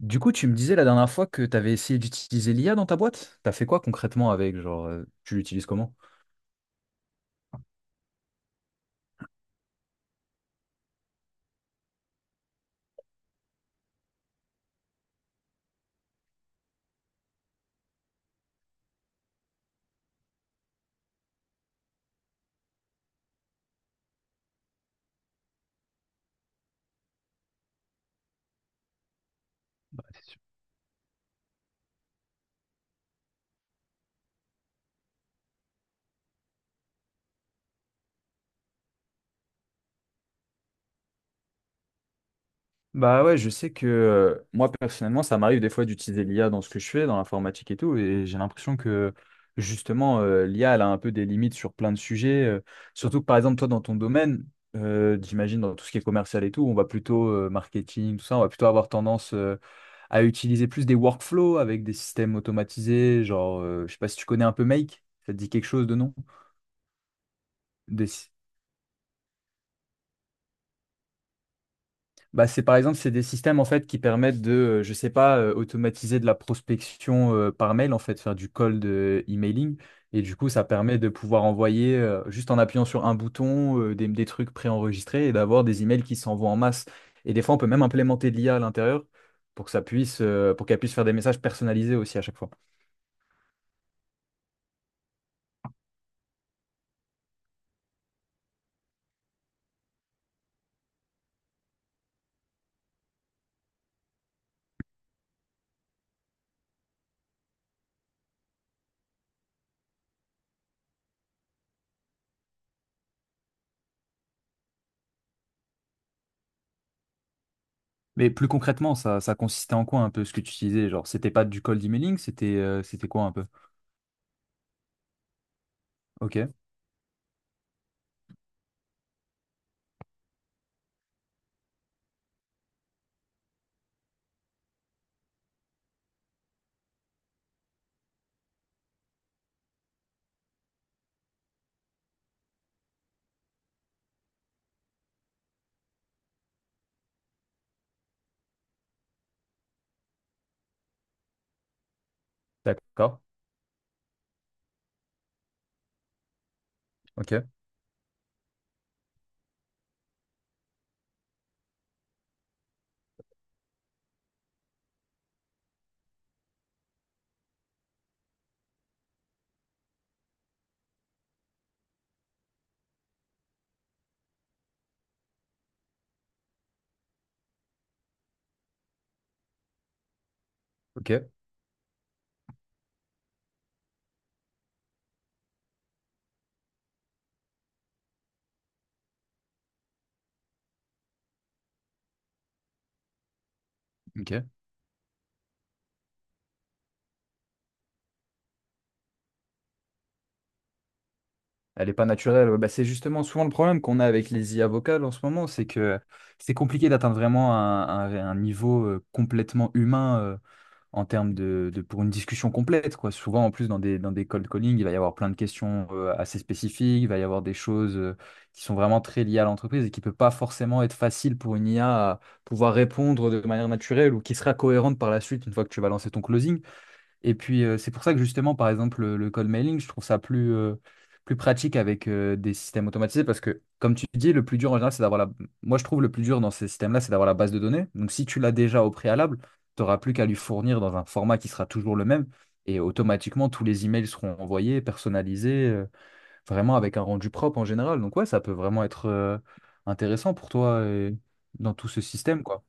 Du coup, tu me disais la dernière fois que tu avais essayé d'utiliser l'IA dans ta boîte. T'as fait quoi concrètement avec? Genre, tu l'utilises comment? Ouais, je sais que moi personnellement, ça m'arrive des fois d'utiliser l'IA dans ce que je fais, dans l'informatique et tout, et j'ai l'impression que justement, l'IA, elle a un peu des limites sur plein de sujets. Surtout que par exemple, toi, dans ton domaine, j'imagine dans tout ce qui est commercial et tout, on va plutôt marketing, tout ça, on va plutôt avoir tendance à utiliser plus des workflows avec des systèmes automatisés, genre, je sais pas si tu connais un peu Make, ça te dit quelque chose de non? Des sy- Bah, c'est par exemple, c'est des systèmes en fait qui permettent de je sais pas, automatiser de la prospection par mail en fait, faire du cold emailing. Et du coup, ça permet de pouvoir envoyer juste en appuyant sur un bouton des trucs préenregistrés et d'avoir des emails qui s'envoient en masse. Et des fois, on peut même implémenter de l'IA à l'intérieur pour que ça puisse, pour qu'elle puisse faire des messages personnalisés aussi à chaque fois. Mais plus concrètement, ça consistait en quoi un peu ce que tu utilisais? Genre, c'était pas du cold emailing, c'était c'était quoi un peu? Ok, d'accord, ok, ok, ok. Elle est pas naturelle. Ouais, bah, c'est justement souvent le problème qu'on a avec les IA vocales en ce moment, c'est que c'est compliqué d'atteindre vraiment un niveau complètement humain en termes de pour une discussion complète, quoi. Souvent, en plus, dans des cold calling, il va y avoir plein de questions assez spécifiques, il va y avoir des choses qui sont vraiment très liées à l'entreprise et qui ne peut pas forcément être facile pour une IA à pouvoir répondre de manière naturelle ou qui sera cohérente par la suite une fois que tu vas lancer ton closing. Et puis, c'est pour ça que justement, par exemple, le cold mailing, je trouve ça plus, plus pratique avec des systèmes automatisés parce que, comme tu dis, le plus dur en général, c'est d'avoir la... Moi, je trouve le plus dur dans ces systèmes-là, c'est d'avoir la base de données. Donc, si tu l'as déjà au préalable, tu n'auras plus qu'à lui fournir dans un format qui sera toujours le même et automatiquement, tous les emails seront envoyés, personnalisés, vraiment avec un rendu propre en général. Donc, ouais, ça peut vraiment être intéressant pour toi dans tout ce système, quoi.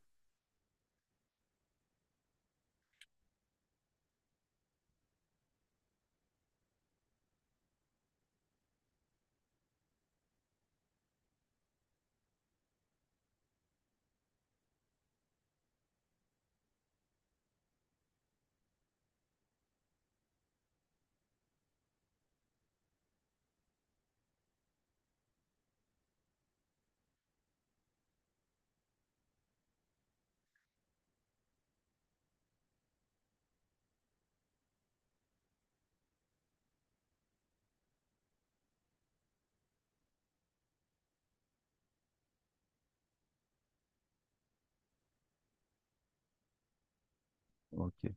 Ok.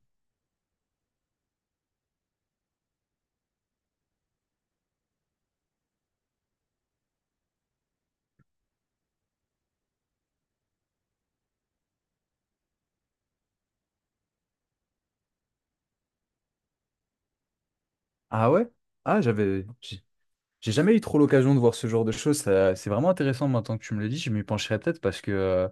Ah ouais? Ah. J'ai jamais eu trop l'occasion de voir ce genre de choses. C'est vraiment intéressant maintenant que tu me le dis. Je m'y pencherai peut-être parce que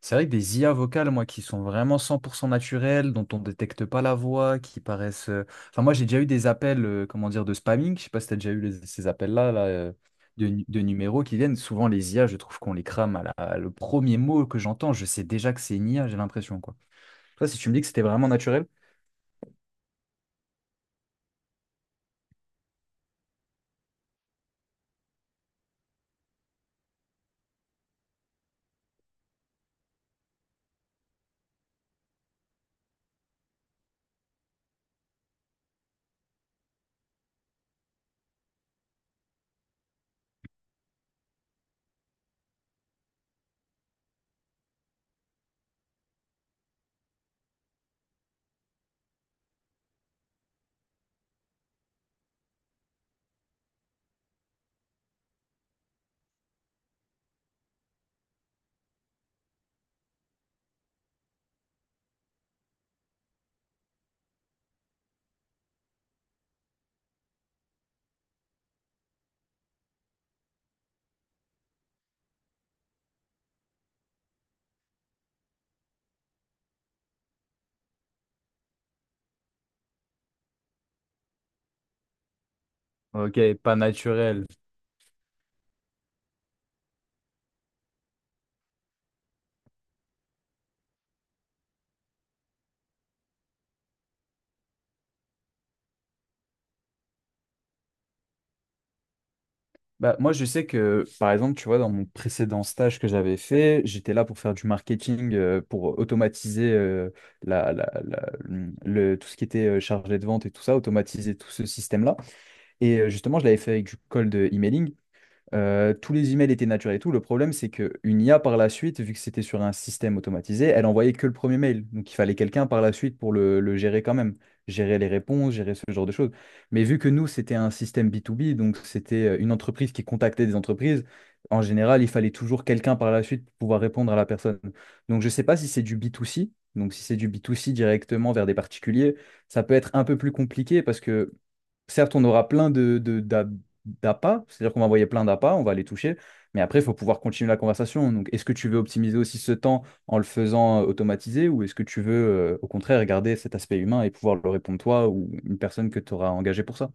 c'est vrai que des IA vocales, moi, qui sont vraiment 100% naturelles, dont on détecte pas la voix, qui paraissent. Enfin, moi, j'ai déjà eu des appels, comment dire, de spamming. Je sais pas si tu as déjà eu ces appels-là, là, de, de numéros qui viennent. Souvent, les IA, je trouve qu'on les crame à le premier mot que j'entends. Je sais déjà que c'est une IA, j'ai l'impression, quoi. Toi, si tu me dis que c'était vraiment naturel. Ok, pas naturel. Bah, moi, je sais que, par exemple, tu vois, dans mon précédent stage que j'avais fait, j'étais là pour faire du marketing, pour automatiser tout ce qui était chargé de vente et tout ça, automatiser tout ce système-là. Et justement, je l'avais fait avec du cold emailing. Tous les emails étaient naturels et tout. Le problème, c'est qu'une IA, par la suite, vu que c'était sur un système automatisé, elle envoyait que le premier mail. Donc, il fallait quelqu'un par la suite pour le gérer quand même, gérer les réponses, gérer ce genre de choses. Mais vu que nous, c'était un système B2B, donc c'était une entreprise qui contactait des entreprises, en général, il fallait toujours quelqu'un par la suite pour pouvoir répondre à la personne. Donc, je ne sais pas si c'est du B2C. Donc, si c'est du B2C directement vers des particuliers, ça peut être un peu plus compliqué parce que certes, on aura plein d'appâts, c'est-à-dire qu'on va envoyer plein d'appâts, on va les toucher, mais après, il faut pouvoir continuer la conversation. Donc, est-ce que tu veux optimiser aussi ce temps en le faisant automatiser ou est-ce que tu veux, au contraire, garder cet aspect humain et pouvoir le répondre toi ou une personne que tu auras engagée pour ça?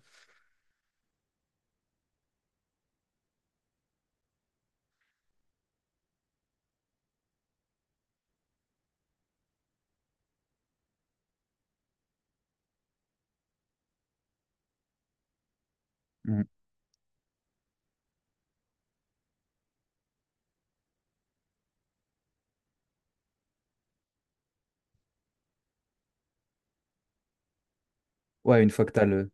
Mhm. Ouais, une fois que tu as le...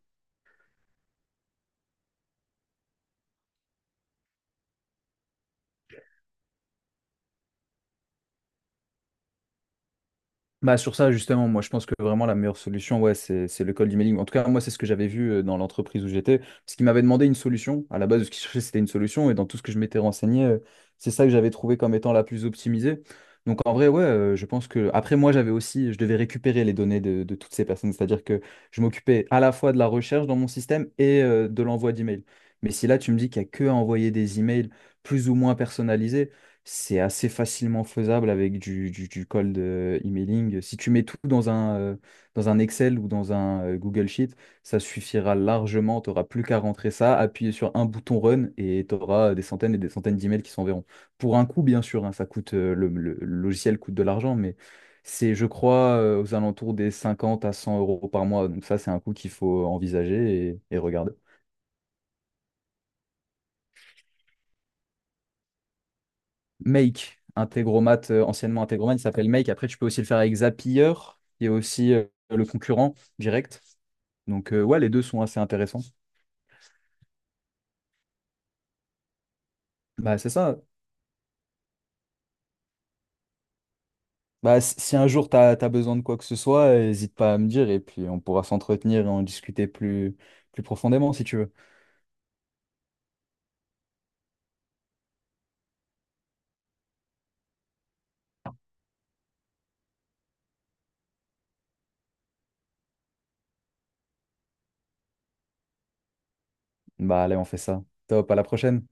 Bah sur ça justement, moi je pense que vraiment la meilleure solution, ouais, c'est le cold emailing. En tout cas, moi c'est ce que j'avais vu dans l'entreprise où j'étais, parce qu'ils m'avaient demandé une solution. À la base, ce qu'ils cherchaient, c'était une solution, et dans tout ce que je m'étais renseigné, c'est ça que j'avais trouvé comme étant la plus optimisée. Donc en vrai, ouais, je pense que après moi j'avais aussi, je devais récupérer les données de toutes ces personnes, c'est-à-dire que je m'occupais à la fois de la recherche dans mon système et de l'envoi d'emails. Mais si là tu me dis qu'il n'y a que à envoyer des emails plus ou moins personnalisés. C'est assez facilement faisable avec du cold emailing. Si tu mets tout dans un Excel ou dans un Google Sheet, ça suffira largement. Tu n'auras plus qu'à rentrer ça, appuyer sur un bouton run et tu auras des centaines et des centaines d'emails qui s'enverront. Pour un coût, bien sûr, hein, ça coûte, le logiciel coûte de l'argent, mais c'est, je crois, aux alentours des 50 à 100 euros par mois. Donc ça, c'est un coût qu'il faut envisager et regarder. Make, Integromat, anciennement Integromat, il s'appelle Make. Après, tu peux aussi le faire avec Zapier, qui est aussi le concurrent direct. Donc, ouais, les deux sont assez intéressants. Bah, c'est ça. Bah, si si un jour tu as, besoin de quoi que ce soit, hésite pas à me dire et puis on pourra s'entretenir et en discuter plus, plus profondément si tu veux. Bah, allez, on fait ça. Top, à la prochaine.